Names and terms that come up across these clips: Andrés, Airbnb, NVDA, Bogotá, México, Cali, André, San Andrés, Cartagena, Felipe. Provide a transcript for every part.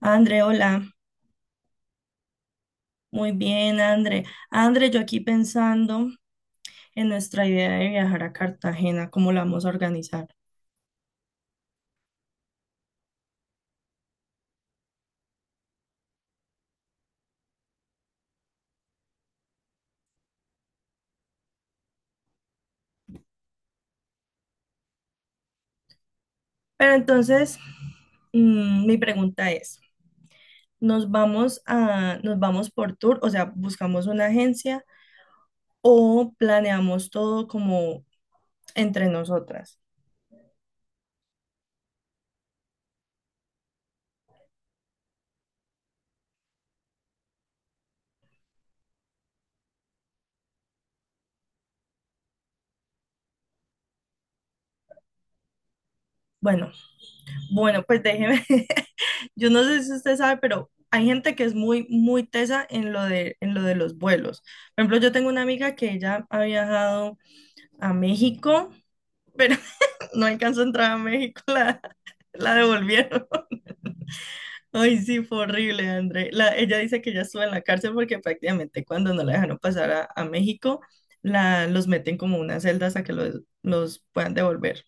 André, hola. Muy bien, André. André, yo aquí pensando en nuestra idea de viajar a Cartagena, cómo la vamos a organizar. Pero entonces, mi pregunta es, ¿nos vamos por tour? O sea, ¿buscamos una agencia o planeamos todo como entre nosotras? Bueno, bueno, pues déjeme. Yo no sé si usted sabe, pero hay gente que es muy, muy tesa en lo de los vuelos. Por ejemplo, yo tengo una amiga que ella ha viajado a México, pero no alcanzó a entrar a México, la devolvieron. Ay, sí, fue horrible, André. Ella dice que ya estuvo en la cárcel porque prácticamente cuando no la dejaron pasar a México, los meten como unas celdas hasta que los puedan devolver.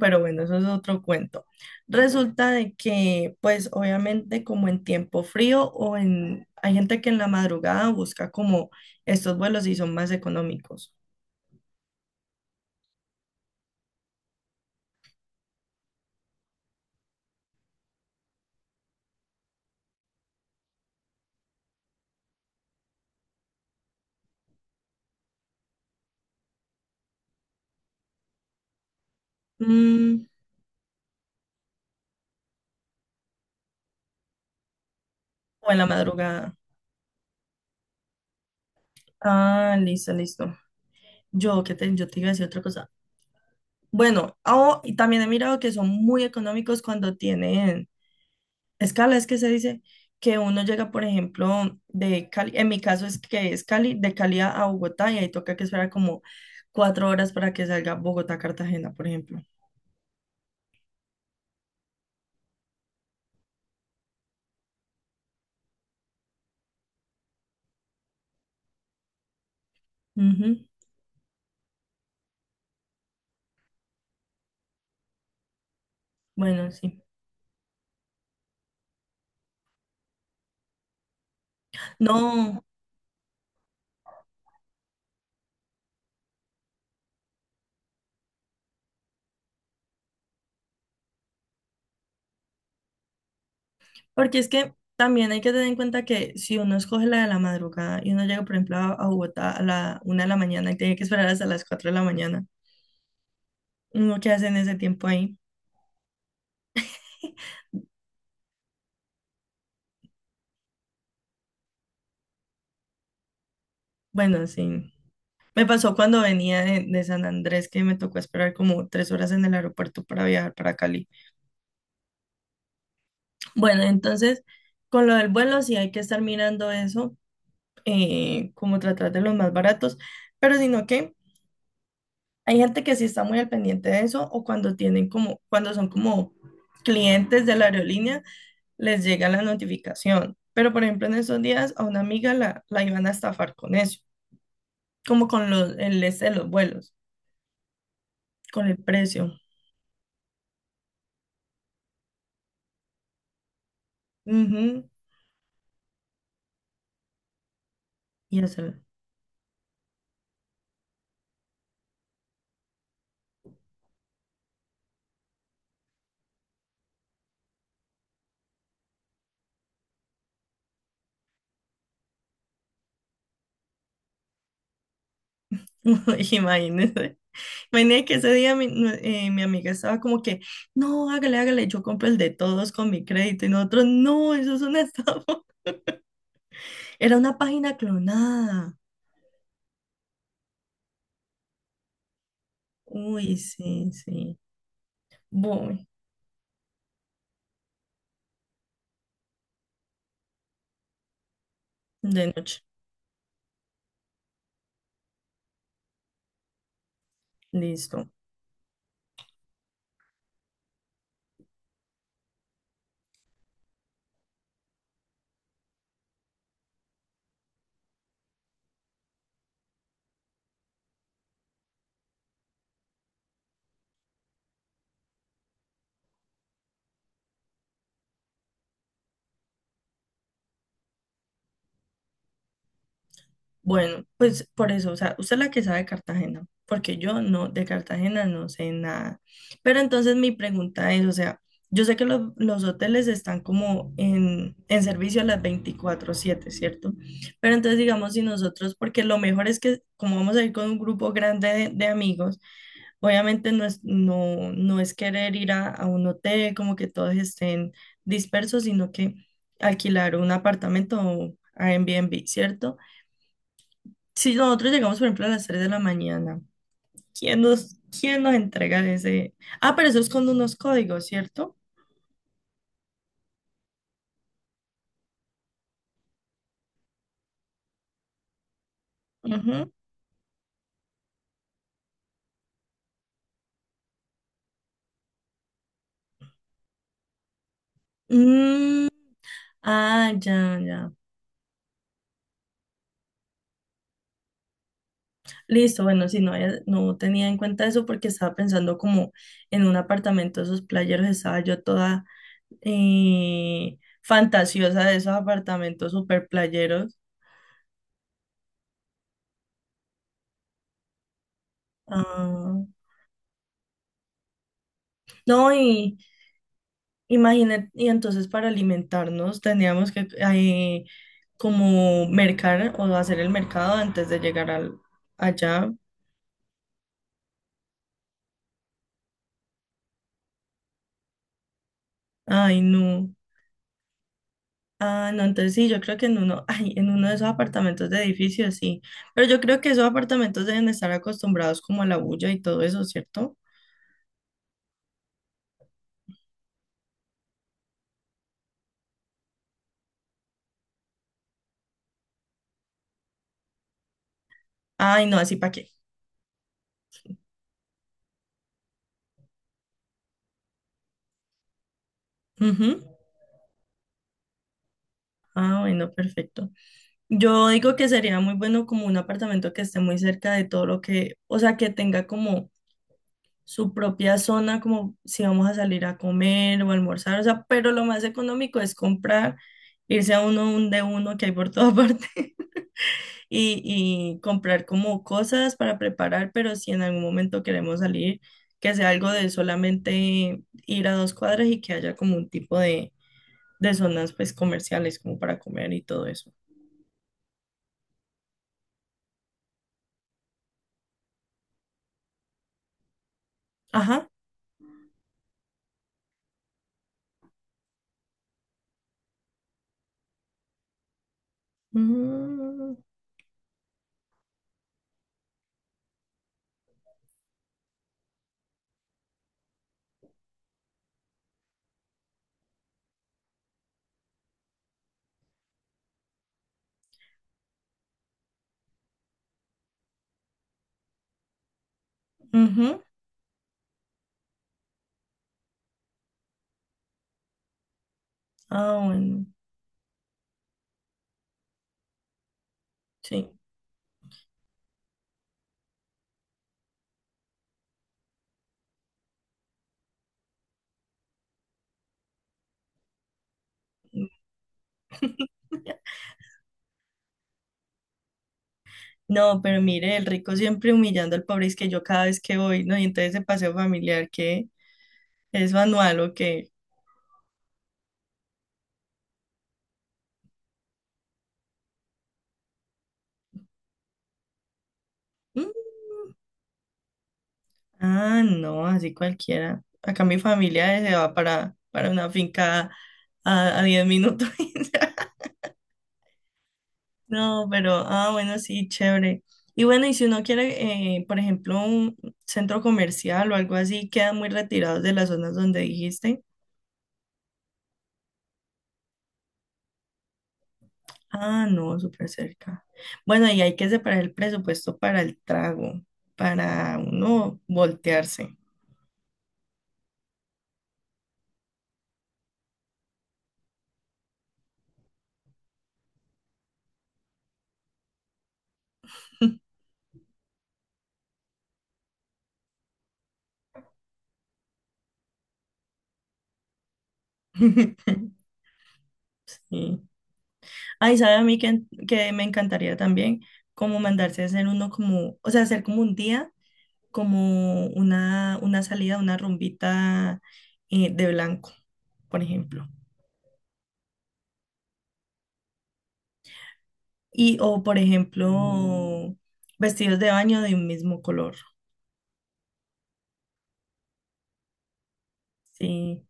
Pero bueno, eso es otro cuento. Resulta de que, pues obviamente como en tiempo frío Hay gente que en la madrugada busca como estos vuelos y son más económicos. Mm, o en la madrugada. Ah, listo, listo. Yo te iba a decir otra cosa. Bueno, ah, y también he mirado que son muy económicos cuando tienen escala, es que se dice que uno llega, por ejemplo, de Cali, en mi caso es que es Cali, de Cali a Bogotá y ahí toca que esperar como 4 horas para que salga Bogotá-Cartagena, por ejemplo. Ujú. Bueno, sí. No, porque es que también hay que tener en cuenta que si uno escoge la de la madrugada y uno llega, por ejemplo, a Bogotá a la 1 de la mañana y tiene que esperar hasta las 4 de la mañana, uno que hace en ese tiempo ahí. Bueno, sí. Me pasó cuando venía de San Andrés que me tocó esperar como 3 horas en el aeropuerto para viajar para Cali. Bueno, entonces, con lo del vuelo sí hay que estar mirando eso, como tratar de los más baratos, pero sino que hay gente que sí está muy al pendiente de eso o cuando tienen como, cuando son como clientes de la aerolínea, les llega la notificación. Pero, por ejemplo, en esos días a una amiga la iban a estafar con eso, como con el este de los vuelos. Con el precio. Ujú. Y hacerlo. Imagínese. Imagínese que ese día mi amiga estaba como que, no, hágale, hágale, yo compro el de todos con mi crédito. Y nosotros, no, eso es una estafa. Era una página clonada. Uy, sí, sí. Voy de noche. Listo. Bueno, pues por eso, o sea, usted es la que sabe de Cartagena, porque yo no, de Cartagena no sé nada. Pero entonces mi pregunta es, o sea, yo sé que los hoteles están como en servicio a las 24/7, ¿cierto? Pero entonces digamos si nosotros, porque lo mejor es que como vamos a ir con un grupo grande de amigos, obviamente no es querer ir a un hotel como que todos estén dispersos, sino que alquilar un apartamento o Airbnb, ¿cierto? Si nosotros llegamos, por ejemplo, a las 3 de la mañana, ¿quién nos entrega ese? Ah, pero eso es con unos códigos, ¿cierto? Ujú. Mm, ah, ya, ya. Listo, bueno, si no, no tenía en cuenta eso porque estaba pensando como en un apartamento de esos playeros, estaba yo toda fantasiosa de esos apartamentos super playeros. Ah, no, y imagínate, y entonces para alimentarnos teníamos que, como mercar o hacer el mercado antes de llegar allá. Ay, no. Ah, no, entonces sí, yo creo que en uno, ay, en uno de esos apartamentos de edificios, sí. Pero yo creo que esos apartamentos deben estar acostumbrados como a la bulla y todo eso, ¿cierto? Ay, no, así para qué. Ujú. Ah, bueno, perfecto. Yo digo que sería muy bueno como un apartamento que esté muy cerca de todo lo que, o sea, que tenga como su propia zona, como si vamos a salir a comer o a almorzar, o sea, pero lo más económico es comprar, irse a un de uno que hay por toda parte y comprar como cosas para preparar, pero si en algún momento queremos salir, que sea algo de solamente ir a 2 cuadras y que haya como un tipo de zonas pues comerciales como para comer y todo eso. Ajá. Mm, ujú. Ah, bueno, sí. No, pero mire, el rico siempre humillando al pobre, es que yo cada vez que voy, ¿no? Y entonces ese paseo familiar que es manual o qué. ¿Mm? Ah, no, así cualquiera. Acá mi familia se va para una finca a 10 minutos. No, pero, ah, bueno, sí, chévere. Y bueno, y si uno quiere, por ejemplo, un centro comercial o algo así, quedan muy retirados de las zonas donde dijiste. Ah, no, súper cerca. Bueno, y hay que separar el presupuesto para el trago, para uno voltearse. Sí. Ay, sabe a mí que me encantaría también como mandarse a hacer uno como, o sea, hacer como un día, como una salida, una rumbita de blanco, por ejemplo. O por ejemplo, Mm. vestidos de baño de un mismo color. Sí,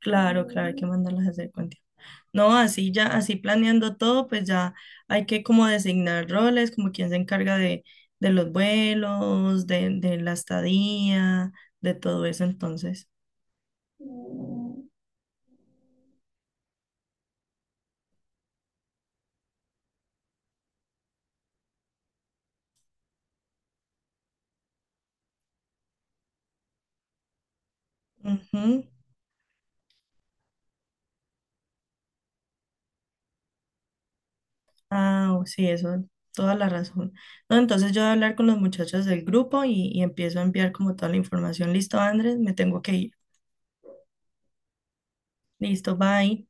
claro, claro, hay que mandarlas a hacer con. No, así ya, así planeando todo, pues ya hay que como designar roles, como quién se encarga de los vuelos, de la estadía, de todo eso, entonces. Ujú. Ah, sí, eso, toda la razón. No, entonces yo voy a hablar con los muchachos del grupo y empiezo a enviar como toda la información. Listo, Andrés, me tengo que ir. Listo, bye.